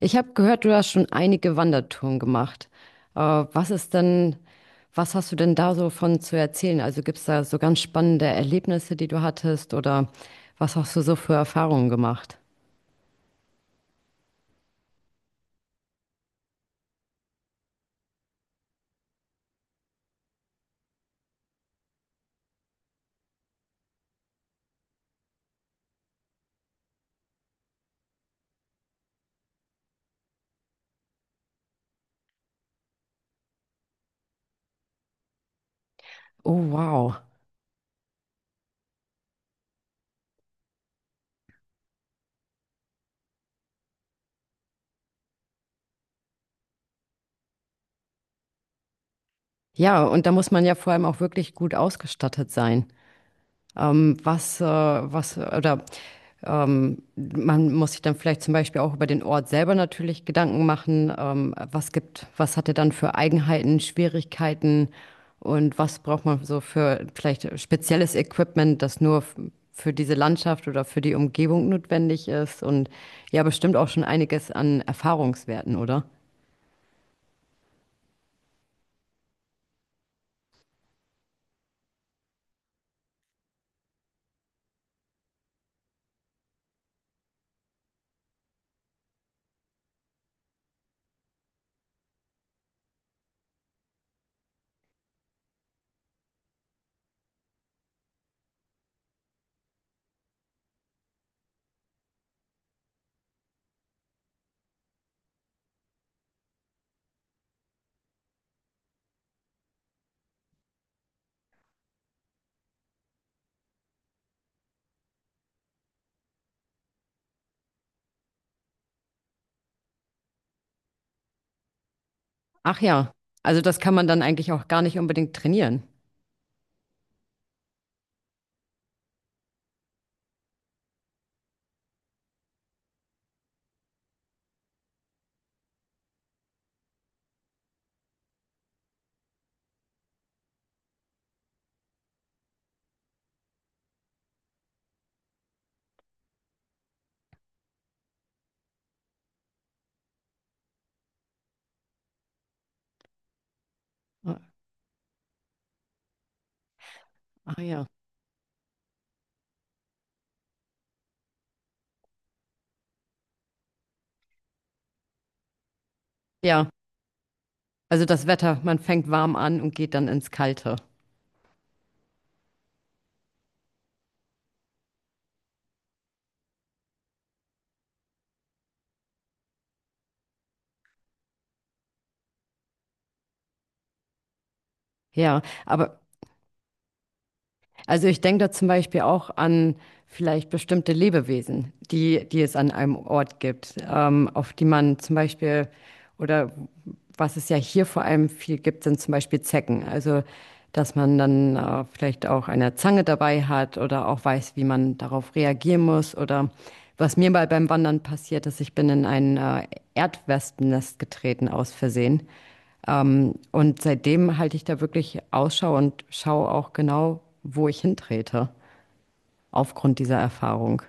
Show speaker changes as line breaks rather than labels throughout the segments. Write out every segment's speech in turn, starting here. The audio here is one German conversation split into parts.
Ich habe gehört, du hast schon einige Wandertouren gemacht. Äh, was ist denn, Was hast du denn da so von zu erzählen? Also gibt es da so ganz spannende Erlebnisse, die du hattest, oder was hast du so für Erfahrungen gemacht? Oh, wow. Ja, und da muss man ja vor allem auch wirklich gut ausgestattet sein. Was, was, oder Man muss sich dann vielleicht zum Beispiel auch über den Ort selber natürlich Gedanken machen. Was gibt, was hat er dann für Eigenheiten, Schwierigkeiten und was braucht man so für vielleicht spezielles Equipment, das nur für diese Landschaft oder für die Umgebung notwendig ist, und ja, bestimmt auch schon einiges an Erfahrungswerten, oder? Ach ja, also das kann man dann eigentlich auch gar nicht unbedingt trainieren. Ah ah ja. Ja. Also das Wetter, man fängt warm an und geht dann ins Kalte. Ja, aber also ich denke da zum Beispiel auch an vielleicht bestimmte Lebewesen, die es an einem Ort gibt, auf die man zum Beispiel, oder was es ja hier vor allem viel gibt, sind zum Beispiel Zecken. Also dass man dann vielleicht auch eine Zange dabei hat oder auch weiß, wie man darauf reagieren muss, oder was mir mal beim Wandern passiert ist: Ich bin in ein Erdwespennest getreten aus Versehen. Und seitdem halte ich da wirklich Ausschau und schaue auch genau, wo ich hintrete, aufgrund dieser Erfahrung.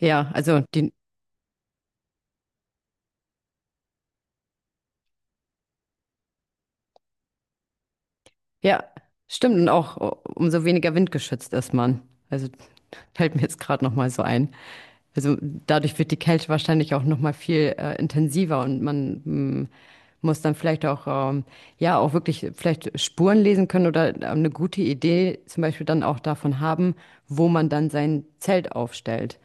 Ja, also die, ja, stimmt. Und auch umso weniger windgeschützt ist man. Also fällt mir jetzt gerade nochmal so ein. Also dadurch wird die Kälte wahrscheinlich auch nochmal viel intensiver, und man mm, muss dann vielleicht auch, ja, auch wirklich vielleicht Spuren lesen können oder eine gute Idee zum Beispiel dann auch davon haben, wo man dann sein Zelt aufstellt.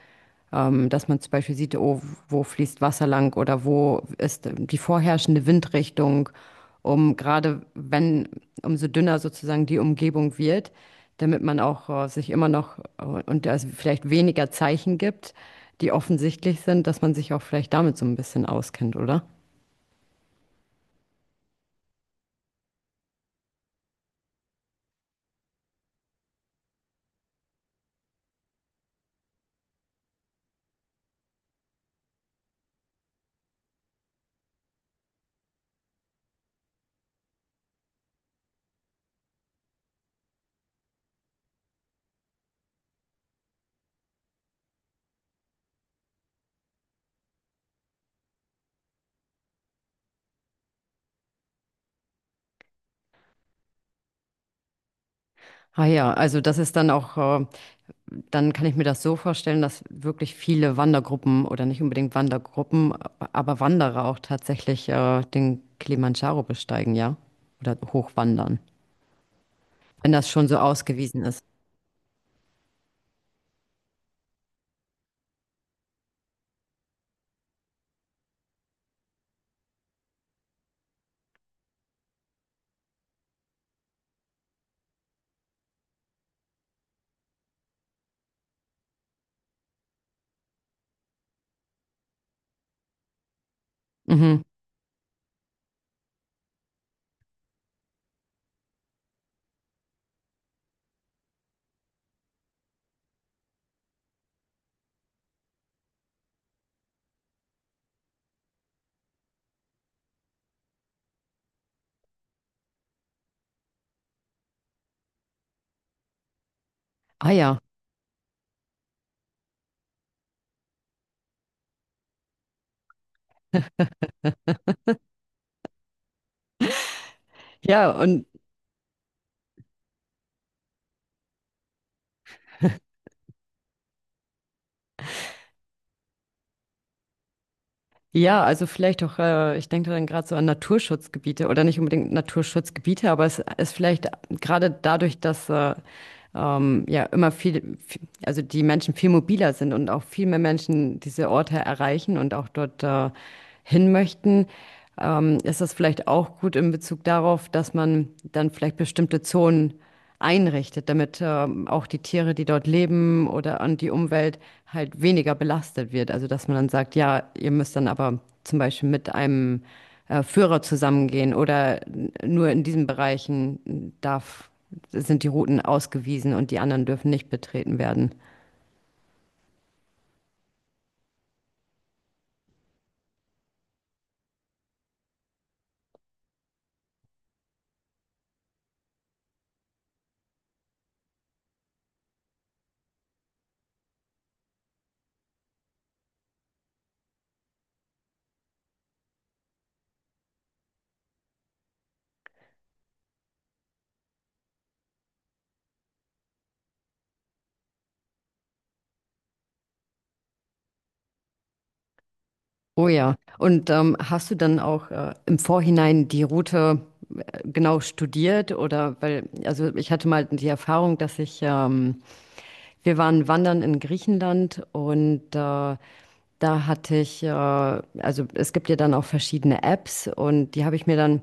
Dass man zum Beispiel sieht: oh, wo fließt Wasser lang oder wo ist die vorherrschende Windrichtung, um gerade wenn, umso dünner sozusagen die Umgebung wird, damit man auch sich immer noch und es vielleicht weniger Zeichen gibt, die offensichtlich sind, dass man sich auch vielleicht damit so ein bisschen auskennt, oder? Ah ja, also das ist dann auch dann kann ich mir das so vorstellen, dass wirklich viele Wandergruppen oder nicht unbedingt Wandergruppen, aber Wanderer auch tatsächlich den Kilimandscharo besteigen, ja? Oder hochwandern, wenn das schon so ausgewiesen ist. Mhm. Ah ja. Ja, und ja, also vielleicht auch, ich denke dann gerade so an Naturschutzgebiete oder nicht unbedingt Naturschutzgebiete, aber es ist vielleicht gerade dadurch, dass ja immer also die Menschen viel mobiler sind und auch viel mehr Menschen diese Orte erreichen und auch dort hin möchten, ist das vielleicht auch gut in Bezug darauf, dass man dann vielleicht bestimmte Zonen einrichtet, damit auch die Tiere, die dort leben, oder an die Umwelt halt weniger belastet wird. Also dass man dann sagt: Ja, ihr müsst dann aber zum Beispiel mit einem Führer zusammengehen oder nur in diesen Bereichen darf sind die Routen ausgewiesen und die anderen dürfen nicht betreten werden. Oh ja. Und hast du dann auch im Vorhinein die Route genau studiert? Oder weil, also ich hatte mal die Erfahrung, dass ich wir waren wandern in Griechenland, und da hatte ich, also es gibt ja dann auch verschiedene Apps, und die habe ich mir dann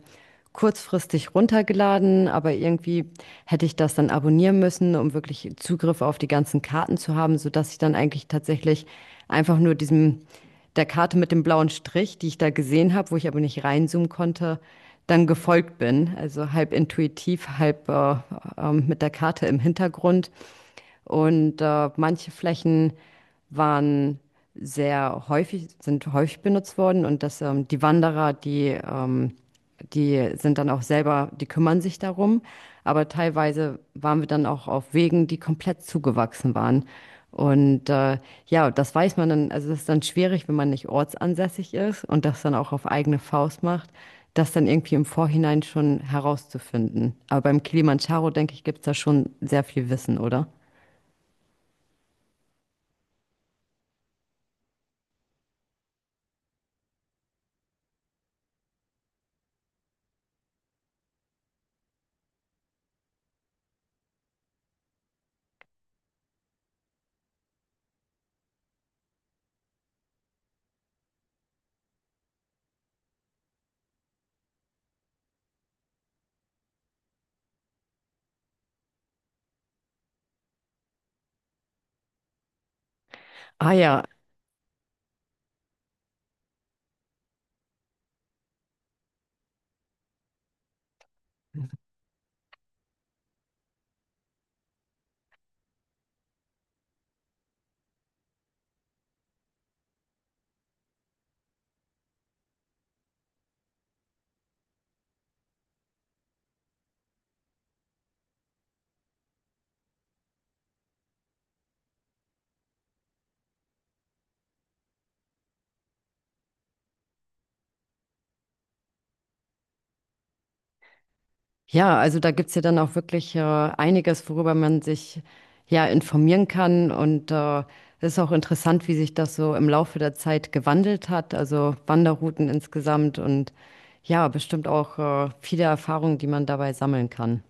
kurzfristig runtergeladen, aber irgendwie hätte ich das dann abonnieren müssen, um wirklich Zugriff auf die ganzen Karten zu haben, sodass ich dann eigentlich tatsächlich einfach nur diesem, der Karte mit dem blauen Strich, die ich da gesehen habe, wo ich aber nicht reinzoomen konnte, dann gefolgt bin. Also halb intuitiv, halb mit der Karte im Hintergrund. Und manche Flächen waren sehr häufig, sind häufig benutzt worden, und dass die Wanderer, die sind dann auch selber, die kümmern sich darum. Aber teilweise waren wir dann auch auf Wegen, die komplett zugewachsen waren. Und ja, das weiß man dann, also das ist dann schwierig, wenn man nicht ortsansässig ist und das dann auch auf eigene Faust macht, das dann irgendwie im Vorhinein schon herauszufinden. Aber beim Kilimanjaro, denke ich, gibt es da schon sehr viel Wissen, oder? Ah ja, ja, also da gibt's ja dann auch wirklich einiges, worüber man sich ja informieren kann. Und es ist auch interessant, wie sich das so im Laufe der Zeit gewandelt hat. Also Wanderrouten insgesamt und ja, bestimmt auch viele Erfahrungen, die man dabei sammeln kann.